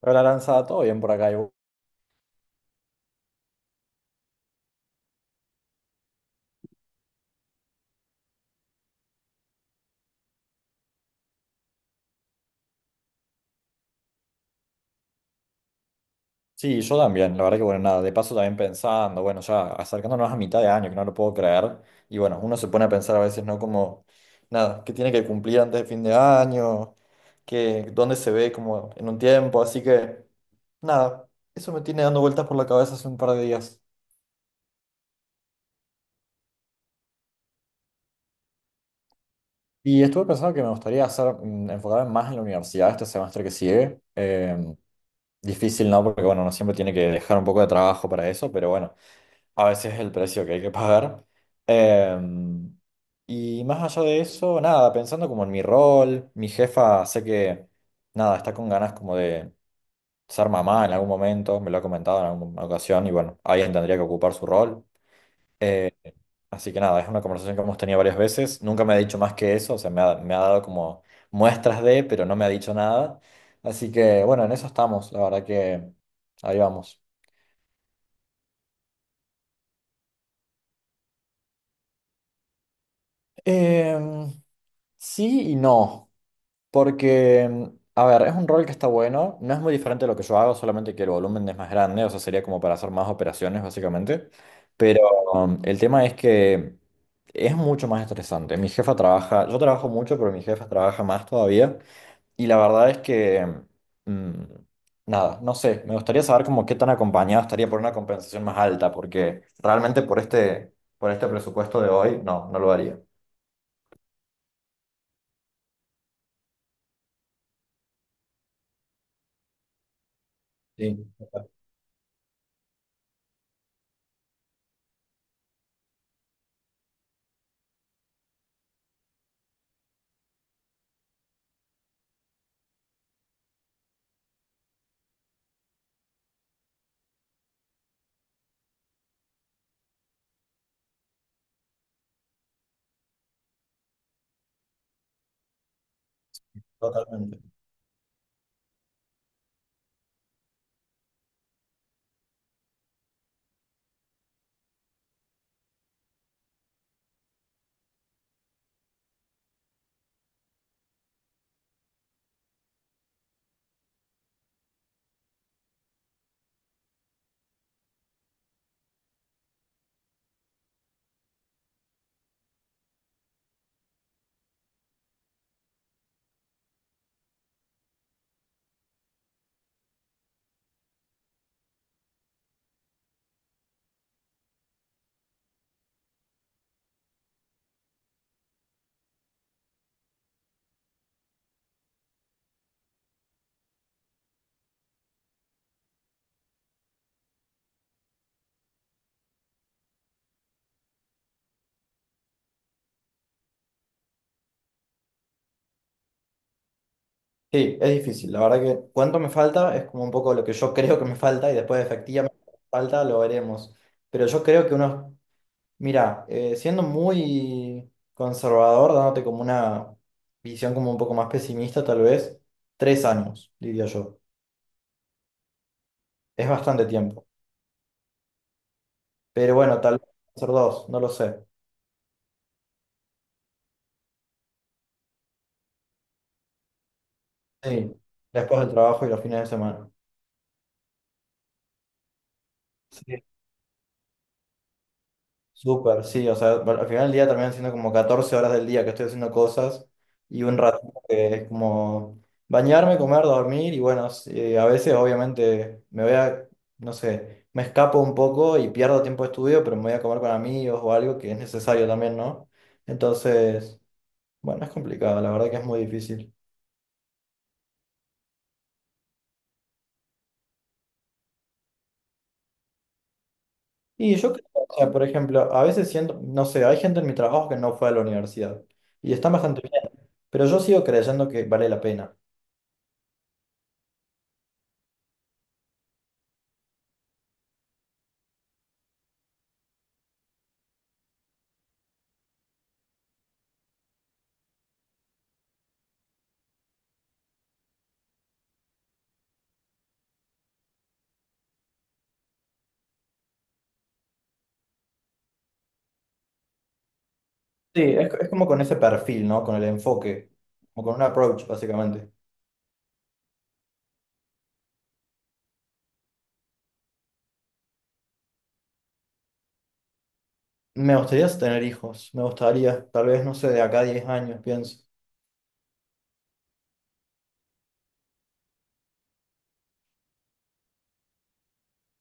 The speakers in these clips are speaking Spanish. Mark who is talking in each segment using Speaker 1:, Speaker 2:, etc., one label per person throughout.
Speaker 1: Hola, Aranza, ¿todo bien por acá? ¿Y vos? Sí, yo también, la verdad que bueno, nada, de paso también pensando, bueno, ya acercándonos a mitad de año, que no lo puedo creer, y bueno, uno se pone a pensar a veces, ¿no? Como, nada, que tiene que cumplir antes de fin de año, que dónde se ve como en un tiempo, así que, nada, eso me tiene dando vueltas por la cabeza hace un par de días. Y estuve pensando que me gustaría hacer, enfocarme más en la universidad este semestre que sigue. Difícil, ¿no? Porque bueno, uno siempre tiene que dejar un poco de trabajo para eso, pero bueno. A veces es el precio que hay que pagar. Em, y más allá de eso, nada, pensando como en mi rol, mi jefa sé que, nada, está con ganas como de ser mamá en algún momento, me lo ha comentado en alguna ocasión y bueno, alguien tendría que ocupar su rol. Eh, Así que nada, es una conversación que hemos tenido varias veces, nunca me ha dicho más que eso, o sea, me ha dado como muestras de, pero no me ha dicho nada. Así que bueno, en eso estamos, la verdad que ahí vamos. Em, sí y no. Porque, a ver, es un rol que está bueno, no es muy diferente a lo que yo hago, solamente que el volumen es más grande, o sea, sería como para hacer más operaciones, básicamente. Pero el tema es que es mucho más estresante. Mi jefa trabaja, yo trabajo mucho, pero mi jefa trabaja más todavía. Y la verdad es que, mm, nada, no sé, me gustaría saber como qué tan acompañado estaría por una compensación más alta, porque realmente por este presupuesto de hoy, no, no lo haría. Sí, totalmente. Sí, es difícil. La verdad que cuánto me falta es como un poco lo que yo creo que me falta y después efectivamente falta lo veremos. Pero yo creo que unos, mira, siendo muy conservador, dándote como una visión como un poco más pesimista tal vez, 3 años, diría yo. Es bastante tiempo. Pero bueno, tal vez ser dos, no lo sé. Sí, después del trabajo y los fines de semana. Sí. Súper, sí, o sea, bueno, al final del día también siendo como 14 horas del día que estoy haciendo cosas y un rato que es como bañarme, comer, dormir y bueno, sí, a veces obviamente me voy a, no sé, me escapo un poco y pierdo tiempo de estudio, pero me voy a comer con amigos o algo que es necesario también, ¿no? Entonces, bueno, es complicado, la verdad que es muy difícil. Y yo creo, o sea, por ejemplo, a veces siento, no sé, hay gente en mi trabajo que no fue a la universidad y están bastante bien, pero yo sigo creyendo que vale la pena. Sí, es como con ese perfil, ¿no? Con el enfoque, como con un approach, básicamente. Me gustaría tener hijos, me gustaría, tal vez, no sé, de acá a 10 años, pienso.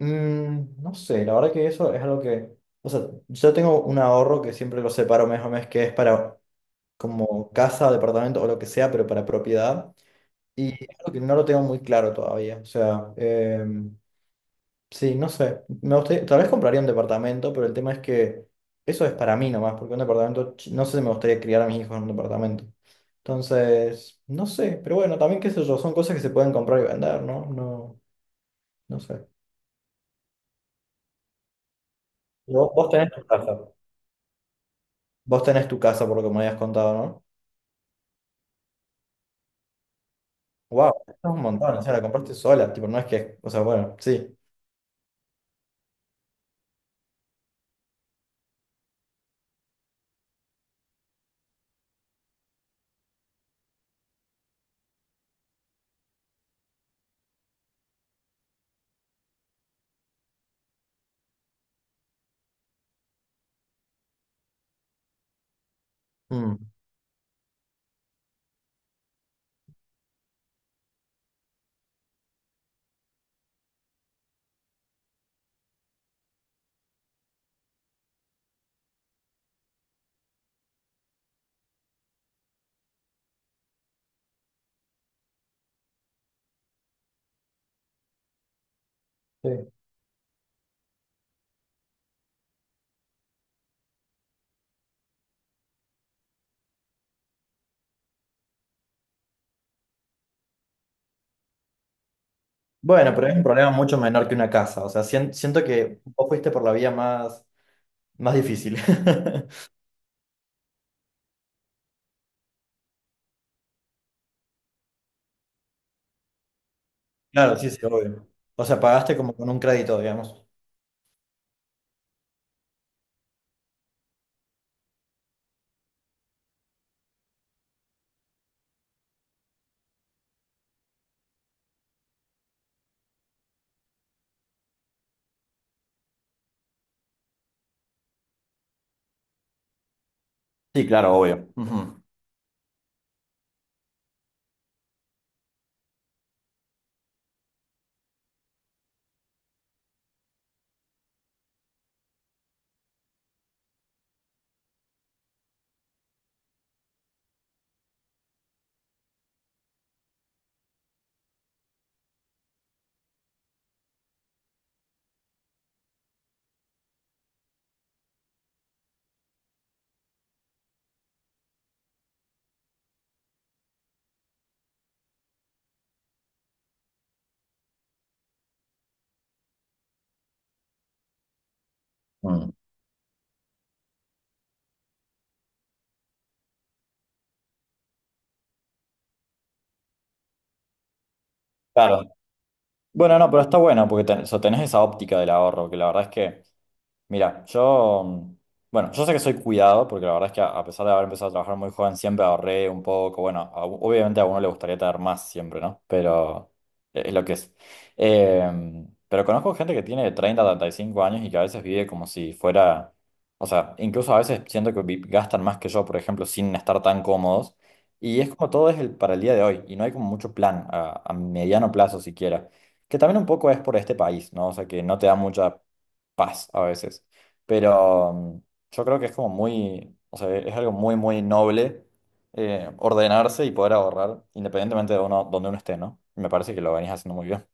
Speaker 1: Mm, no sé, la verdad que eso es algo que, o sea, yo tengo un ahorro que siempre lo separo mes a mes, que es para como casa, departamento o lo que sea, pero para propiedad. Y es algo que no lo tengo muy claro todavía. O sea, sí, no sé. Me gustaría, tal vez compraría un departamento, pero el tema es que eso es para mí nomás, porque un departamento, ch- no sé si me gustaría criar a mis hijos en un departamento. Entonces, no sé, pero bueno, también qué sé yo, son cosas que se pueden comprar y vender, ¿no? No, no sé. Vos tenés tu casa. Vos tenés tu casa, por lo que me habías contado, ¿no? Wow, es un montón, o sea, la compraste sola, tipo, no es que, o sea, bueno, sí. Mm, sí. Bueno, pero es un problema mucho menor que una casa, o sea, sien- siento que vos fuiste por la vía más, más difícil. Claro, sí, sí, obvio. O sea, pagaste como con un crédito, digamos. Sí, claro, obvio. Ujú. Mm, claro. Bueno, no, pero está bueno porque ten- o sea, tenés esa óptica del ahorro, que la verdad es que mira, yo, bueno, yo sé que soy cuidado, porque la verdad es que a pesar de haber empezado a trabajar muy joven, siempre ahorré un poco. Bueno, a- obviamente a uno le gustaría tener más siempre, ¿no? Pero es lo que es. Eh, pero conozco gente que tiene 30, 35 años y que a veces vive como si fuera, o sea, incluso a veces siento que vi- gastan más que yo, por ejemplo, sin estar tan cómodos. Y es como todo es el, para el día de hoy, y no hay como mucho plan a, mediano plazo siquiera. Que también un poco es por este país, ¿no? O sea, que no te da mucha paz a veces. Pero yo creo que es como muy, o sea, es algo muy, muy noble ordenarse y poder ahorrar independientemente de uno, donde uno esté, ¿no? Me parece que lo venís haciendo muy bien.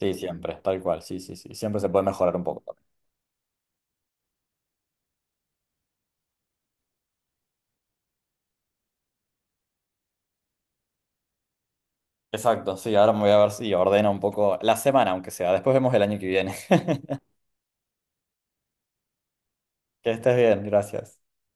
Speaker 1: Sí, siempre, tal cual, sí, sí, sí. Siempre se puede mejorar un poco también. Exacto, sí, ahora me voy a ver si ordeno un poco la semana, aunque sea. Después vemos el año que viene. Que estés bien, gracias.